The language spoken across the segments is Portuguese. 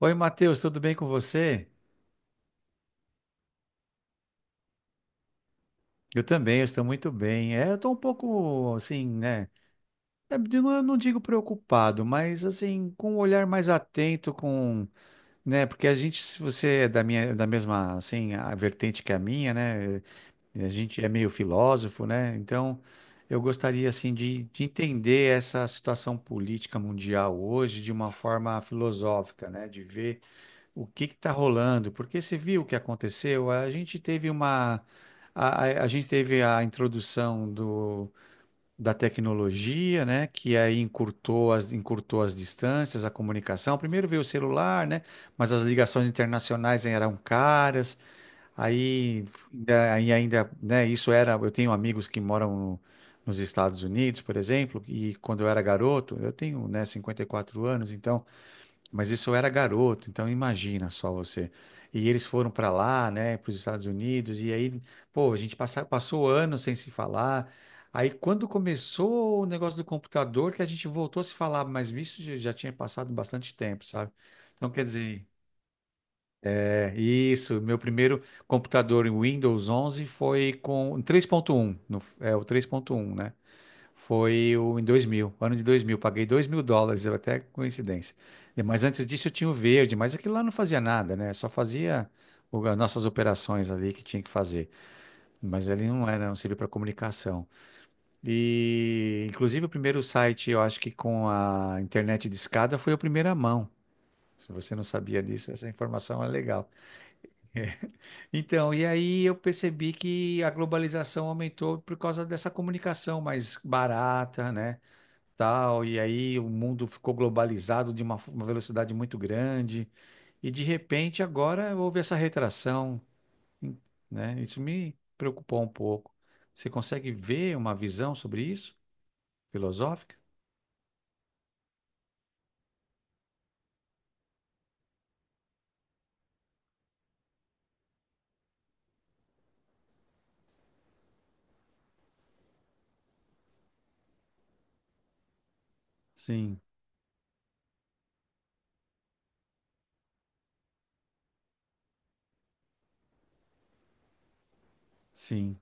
Oi, Matheus, tudo bem com você? Eu também, eu estou muito bem. Eu estou um pouco, assim, né? Eu não digo preocupado, mas, assim, com um olhar mais atento, com, né? Porque a gente, se você é da minha, da mesma, assim, a vertente que a minha, né? A gente é meio filósofo, né? Então, eu gostaria, assim, de entender essa situação política mundial hoje de uma forma filosófica, né? De ver o que está rolando? Porque você viu o que aconteceu? A gente teve uma. A gente teve a introdução do, da tecnologia, né? Que aí encurtou as distâncias, a comunicação. Primeiro veio o celular, né? Mas as ligações internacionais eram caras. Aí aí ainda, né? Isso era. Eu tenho amigos que moram nos Estados Unidos, por exemplo, e quando eu era garoto, eu tenho, né, 54 anos, então. Mas isso eu era garoto, então imagina só você. E eles foram para lá, né, para os Estados Unidos, e aí, pô, passou anos sem se falar. Aí, quando começou o negócio do computador, que a gente voltou a se falar, mas isso já tinha passado bastante tempo, sabe? Então, quer dizer, é isso. Meu primeiro computador em Windows 11 foi com 3.1, no, é o três ponto um, né? Em 2000, ano de 2000, paguei 2.000 dólares, eu até coincidência. Mas antes disso eu tinha o verde, mas aquilo lá não fazia nada, né? Só fazia as nossas operações ali que tinha que fazer. Mas ele não servia para comunicação. E, inclusive, o primeiro site, eu acho que com a internet de escada foi o primeiro a primeira mão. Se você não sabia disso, essa informação é legal. Então, e aí eu percebi que a globalização aumentou por causa dessa comunicação mais barata, né? Tal, e aí o mundo ficou globalizado de uma velocidade muito grande, e de repente agora houve essa retração, né? Isso me preocupou um pouco. Você consegue ver uma visão sobre isso? Filosófica? Sim, sim.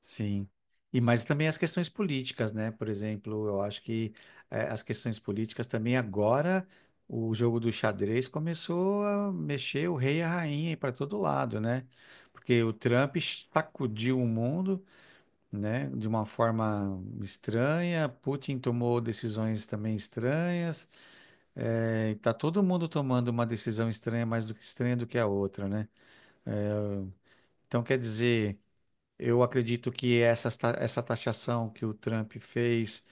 Sim. E mas também as questões políticas, né? Por exemplo, eu acho que as questões políticas também agora o jogo do xadrez começou a mexer o rei e a rainha para todo lado, né? Porque o Trump sacudiu o mundo, né? De uma forma estranha. Putin tomou decisões também estranhas. Tá todo mundo tomando uma decisão estranha, mais do que estranha do que a outra, né? Então quer dizer, eu acredito que essa taxação que o Trump fez,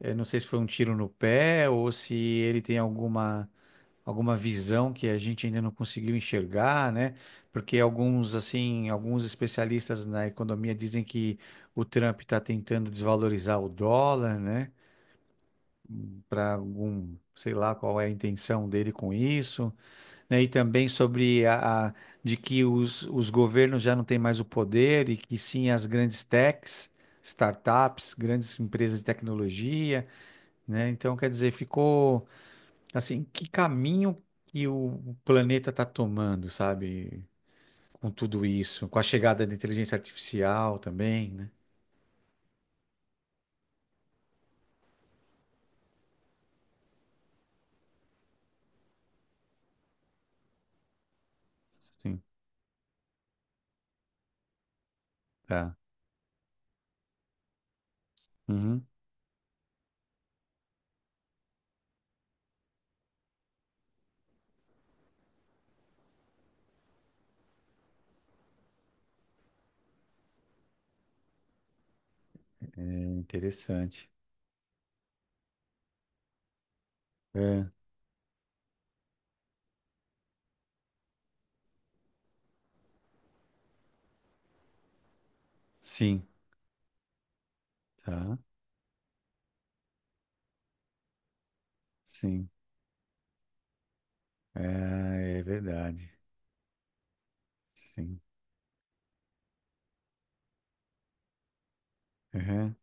não sei se foi um tiro no pé ou se ele tem alguma, alguma visão que a gente ainda não conseguiu enxergar, né? Porque alguns, assim, alguns especialistas na economia dizem que o Trump está tentando desvalorizar o dólar, né? Para algum, sei lá qual é a intenção dele com isso, né. E também sobre de que os governos já não têm mais o poder e que sim as grandes techs, startups, grandes empresas de tecnologia, né? Então, quer dizer, ficou assim, que caminho que o planeta está tomando, sabe? Com tudo isso, com a chegada da inteligência artificial também, né? Sim, tá. Uhum, interessante. É, sim, tá. Sim. É, é verdade. Sim. Uhum,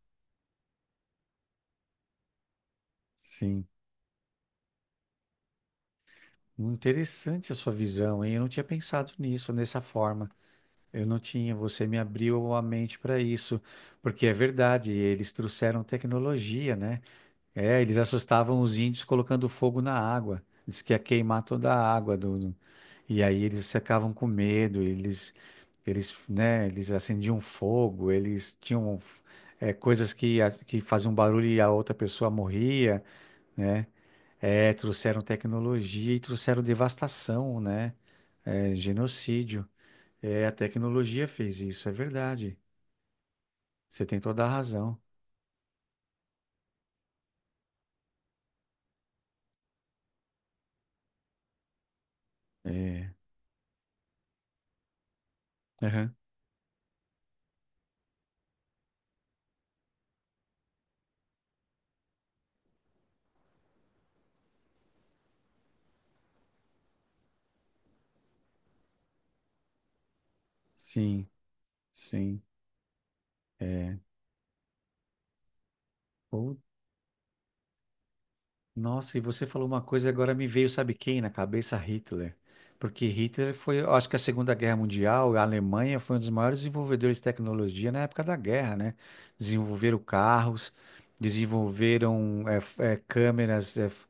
sim. Interessante a sua visão, hein? Eu não tinha pensado nisso dessa forma. Eu não tinha. Você me abriu a mente para isso, porque é verdade. Eles trouxeram tecnologia, né? É, eles assustavam os índios colocando fogo na água. Diz que ia queimar toda a água e aí eles ficavam com medo. Né? Eles acendiam fogo. Eles tinham coisas que faziam barulho e a outra pessoa morria, né? É, trouxeram tecnologia e trouxeram devastação, né? É, genocídio. É, a tecnologia fez isso, é verdade. Você tem toda a razão. É, aham, sim, sim. É. Ou Nossa, e você falou uma coisa e agora me veio, sabe quem na cabeça? Hitler. Porque Hitler foi, eu acho que a Segunda Guerra Mundial, a Alemanha foi um dos maiores desenvolvedores de tecnologia na época da guerra, né? Desenvolveram carros, desenvolveram câmeras,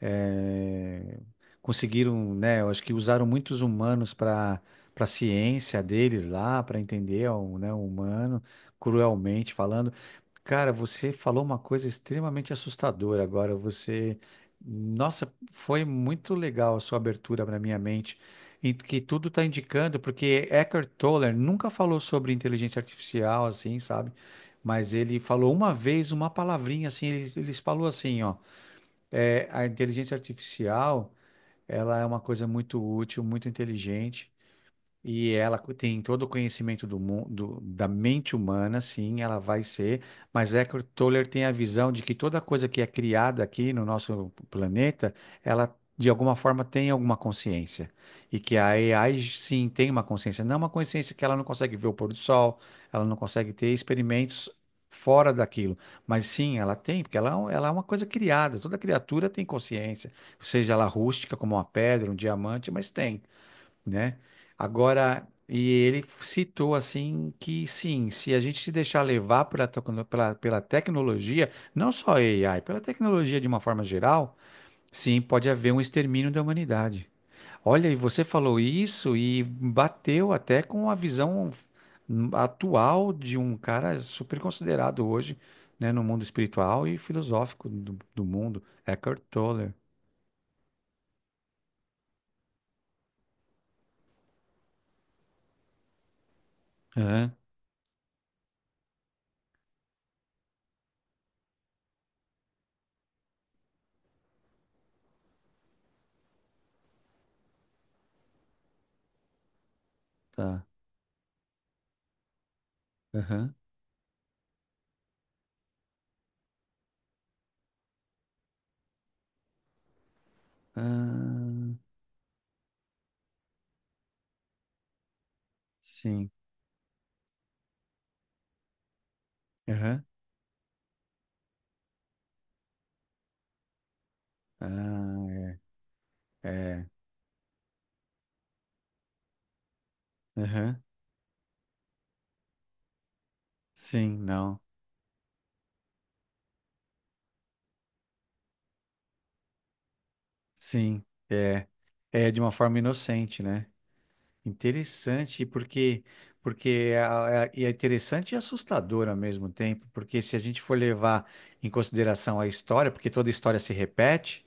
eh, conseguiram, né? Eu acho que usaram muitos humanos para para a ciência deles lá, para entender o, né, o humano, cruelmente falando. Cara, você falou uma coisa extremamente assustadora agora. Você, nossa, foi muito legal a sua abertura para minha mente, em que tudo está indicando, porque Eckhart Tolle nunca falou sobre inteligência artificial, assim, sabe? Mas ele falou uma vez uma palavrinha assim, ele falou assim, ó, a inteligência artificial, ela é uma coisa muito útil, muito inteligente. E tem todo o conhecimento do mundo, da mente humana, sim, ela vai ser, mas Eckhart Tolle tem a visão de que toda coisa que é criada aqui no nosso planeta, ela de alguma forma tem alguma consciência. E que a AI sim tem uma consciência, não é uma consciência que ela não consegue ver o pôr do sol, ela não consegue ter experimentos fora daquilo, mas sim, ela tem, porque ela, ela é uma coisa criada, toda criatura tem consciência, seja ela rústica como uma pedra, um diamante, mas tem, né? Agora, e ele citou assim que sim, se a gente se deixar levar pela tecnologia, não só AI, pela tecnologia de uma forma geral, sim, pode haver um extermínio da humanidade. Olha, e você falou isso e bateu até com a visão atual de um cara super considerado hoje, né, no mundo espiritual e filosófico do mundo, Eckhart Tolle. Aham, tá. Aham. Ah, sim. Ah, é. Aham. Sim, não. Sim, é. É de uma forma inocente, né? Interessante, porque porque é, é interessante e assustador ao mesmo tempo, porque se a gente for levar em consideração a história, porque toda história se repete.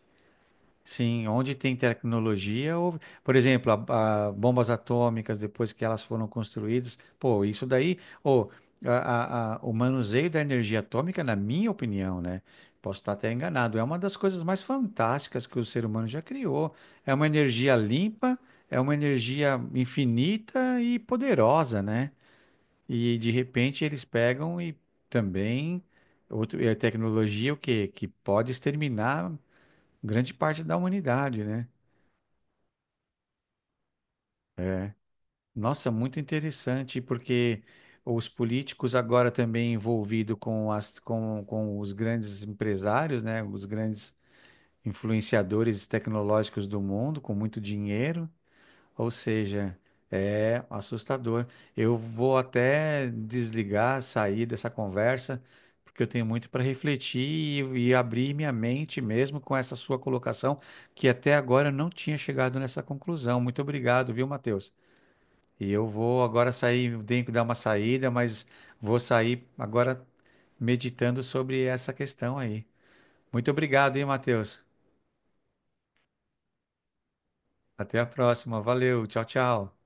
Sim, onde tem tecnologia, por exemplo, a bombas atômicas, depois que elas foram construídas, pô, isso daí, ô, o manuseio da energia atômica, na minha opinião, né? Posso estar até enganado, é uma das coisas mais fantásticas que o ser humano já criou. É uma energia limpa, é uma energia infinita e poderosa, né? E de repente eles pegam e também. Outro, é tecnologia o quê? Que pode exterminar grande parte da humanidade, né? Nossa, muito interessante, porque os políticos agora também envolvidos com com os grandes empresários, né? Os grandes influenciadores tecnológicos do mundo, com muito dinheiro. Ou seja, é assustador. Eu vou até desligar, sair dessa conversa, porque eu tenho muito para refletir e abrir minha mente mesmo com essa sua colocação, que até agora eu não tinha chegado nessa conclusão. Muito obrigado, viu, Matheus? E eu vou agora sair, tenho que dar uma saída, mas vou sair agora meditando sobre essa questão aí. Muito obrigado, hein, Matheus? Até a próxima. Valeu. Tchau, tchau.